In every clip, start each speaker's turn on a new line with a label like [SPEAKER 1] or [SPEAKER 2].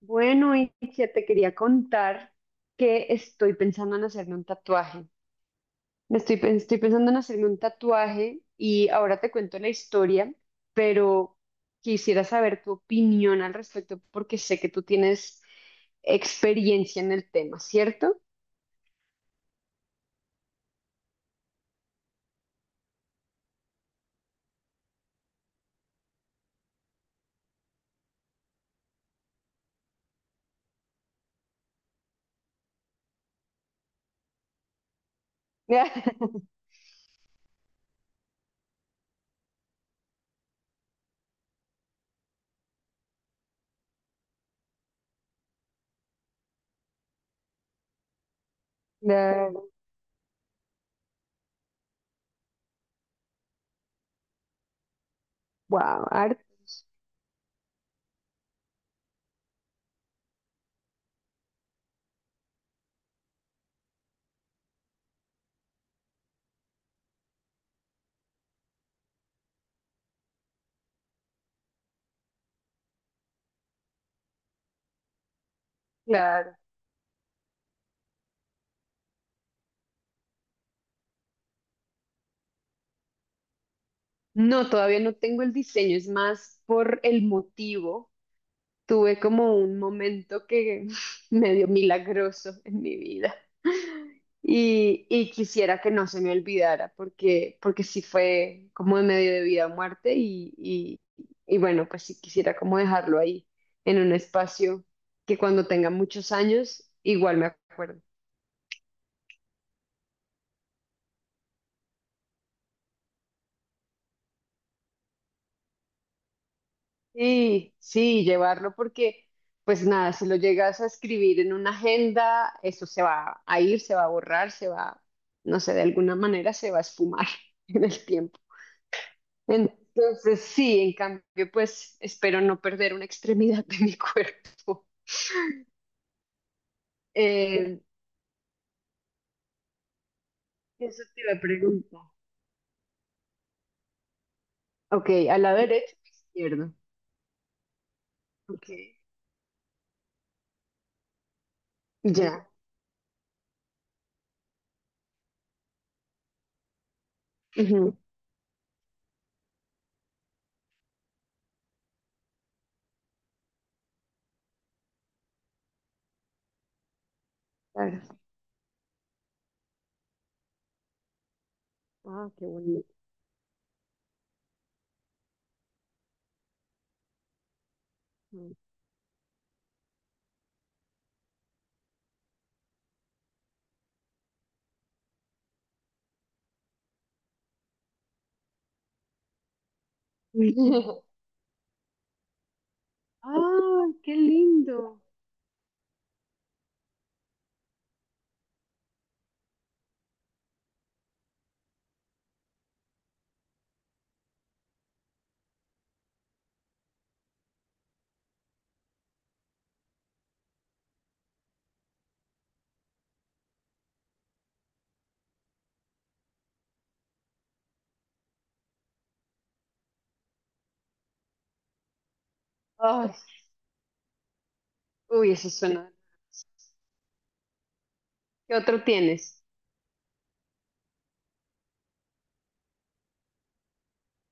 [SPEAKER 1] Bueno, y que te quería contar que estoy pensando en hacerme un tatuaje. Me estoy, estoy pensando en hacerme un tatuaje y ahora te cuento la historia, pero quisiera saber tu opinión al respecto porque sé que tú tienes experiencia en el tema, ¿cierto? Claro. Wow, arte, claro. No, todavía no tengo el diseño, es más por el motivo. Tuve como un momento que medio milagroso en mi vida. Y quisiera que no se me olvidara porque sí fue como de medio de vida o muerte y bueno, pues sí quisiera como dejarlo ahí en un espacio que cuando tenga muchos años igual me acuerdo. Sí, sí, llevarlo porque pues nada, si lo llegas a escribir en una agenda, eso se va a ir, se va a borrar, se va, no sé, de alguna manera se va a esfumar en el tiempo. Entonces, sí, en cambio, pues espero no perder una extremidad de mi cuerpo. Eh, Eso te iba a preguntar. Ok, ¿a la derecha o izquierda? Ok, ya. Ujú, claro. Ah, qué bonito. Ah, qué lindo. Ay, uy, eso suena. ¿Qué otro tienes?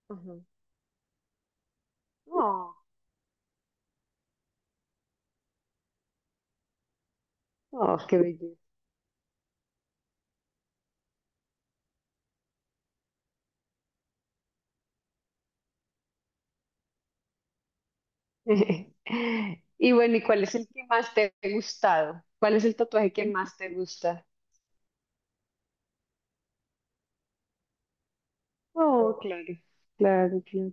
[SPEAKER 1] Ajá. Oh, oh, qué belleza. Y bueno, ¿y cuál es el que más te ha gustado? ¿Cuál es el tatuaje que más te gusta? Oh, claro, claro, claro.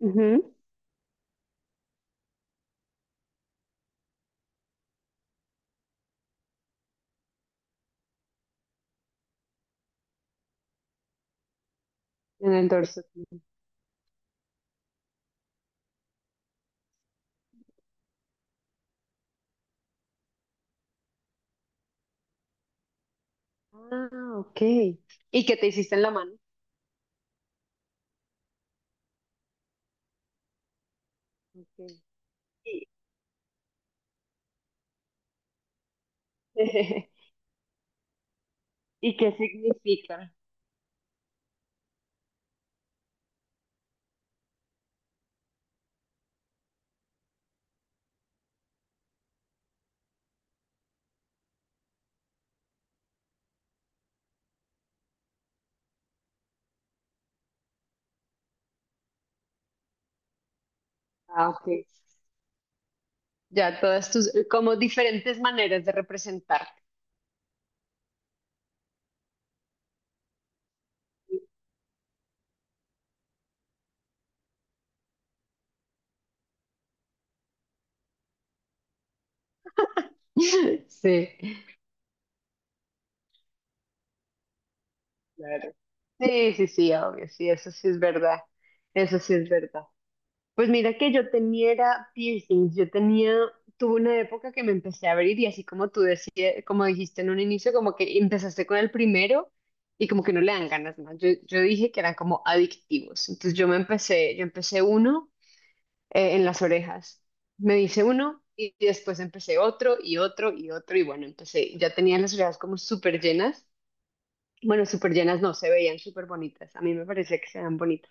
[SPEAKER 1] Ujú. En el dorso, claro. Ah, ok. ¿Y qué te hiciste en la mano? Ok. ¿Y, ¿Y qué significa? Ah, ok. Ya todas tus, como diferentes maneras de representarte. Sí, claro. Sí, sí, sí, obvio, sí, eso sí es verdad. Eso sí es verdad. Pues mira que yo tenía era piercings, tuve una época que me empecé a abrir y así como tú decías, como dijiste en un inicio, como que empezaste con el primero y como que no le dan ganas más. Yo dije que eran como adictivos, entonces yo empecé uno, en las orejas, me hice uno y después empecé otro y otro y otro y bueno, empecé, ya tenía las orejas como súper llenas, bueno, súper llenas no, se veían súper bonitas, a mí me parecía que se veían bonitas.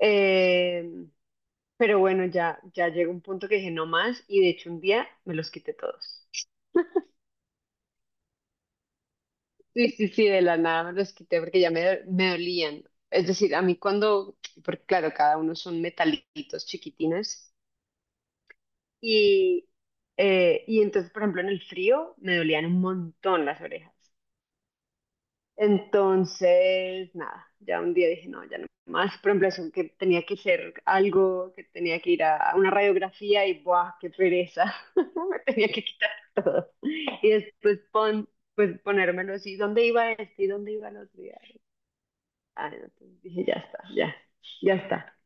[SPEAKER 1] Em, pero bueno, ya, llegó un punto que dije no más y de hecho un día me los quité todos. Sí, sí, sí, de la nada me los quité porque ya me dolían. Es decir, porque claro, cada uno son metalitos chiquitines y, y entonces, por ejemplo, en el frío me dolían un montón las orejas. Entonces, nada, ya un día dije, no, ya no más. Por ejemplo, eso que tenía que hacer algo, que tenía que ir a una radiografía y, ¡buah, qué pereza! Me tenía que quitar todo. Y después pues ponérmelo así, ¿dónde iba este y dónde iba el otro? Y, ay, ah, no, pues, dije, ya está, ya, ya está.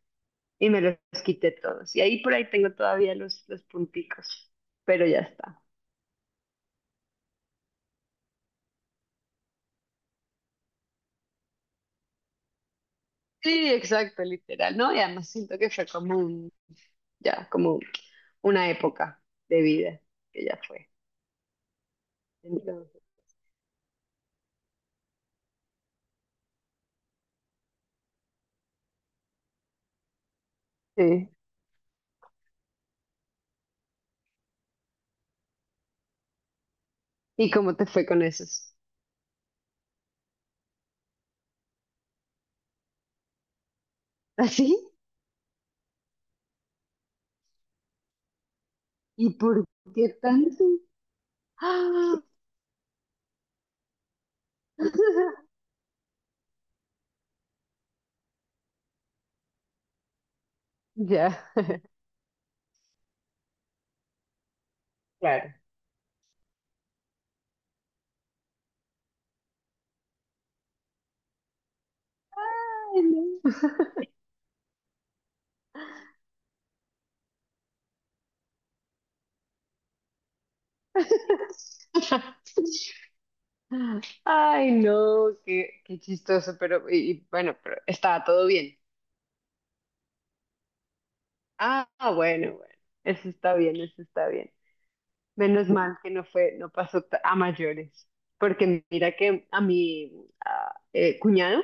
[SPEAKER 1] Y me los quité todos. Y ahí por ahí tengo todavía los punticos, pero ya está. Sí, exacto, literal, ¿no? Y además siento que fue como un, ya, como una época de vida que ya fue. Entonces, sí. ¿Y cómo te fue con esos? ¿Así? ¿Y por qué tanto? ¡Ah! Ya. Claro. Ay, no. Ay, no, qué chistoso, pero y bueno, pero estaba todo bien. Ah, bueno, bueno, eso está bien, eso está bien. Menos mal que no fue, no pasó a mayores, porque mira que a mi cuñado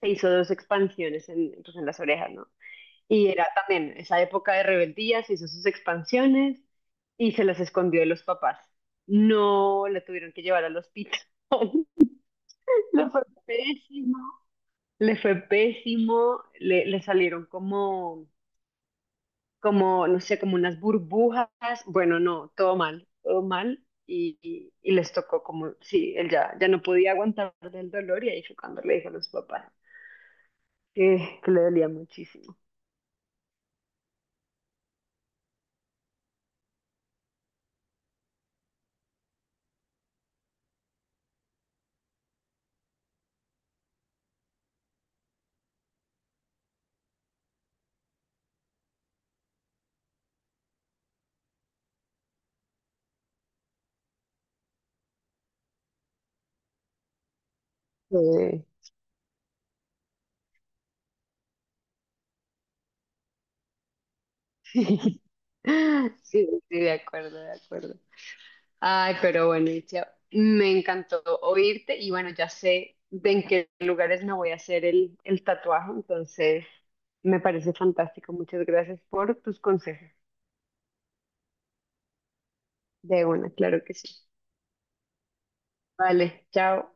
[SPEAKER 1] se hizo dos expansiones pues, en las orejas, ¿no? Y era también esa época de rebeldía, se hizo sus expansiones y se las escondió de los papás. No la tuvieron que llevar al hospital. Le fue pésimo, le fue pésimo, le salieron como no sé, como unas burbujas. Bueno, no, todo mal, todo mal. Y les tocó como, sí, él ya, no podía aguantar el dolor y ahí fue cuando le dijo a los papás que le dolía muchísimo. Sí. Sí, sí, sí, de acuerdo, de acuerdo. Ay, pero bueno, Itzia, me encantó oírte y bueno, ya sé de en qué lugares me voy a hacer el tatuaje, entonces me parece fantástico. Muchas gracias por tus consejos. De una, claro que sí. Vale, chao.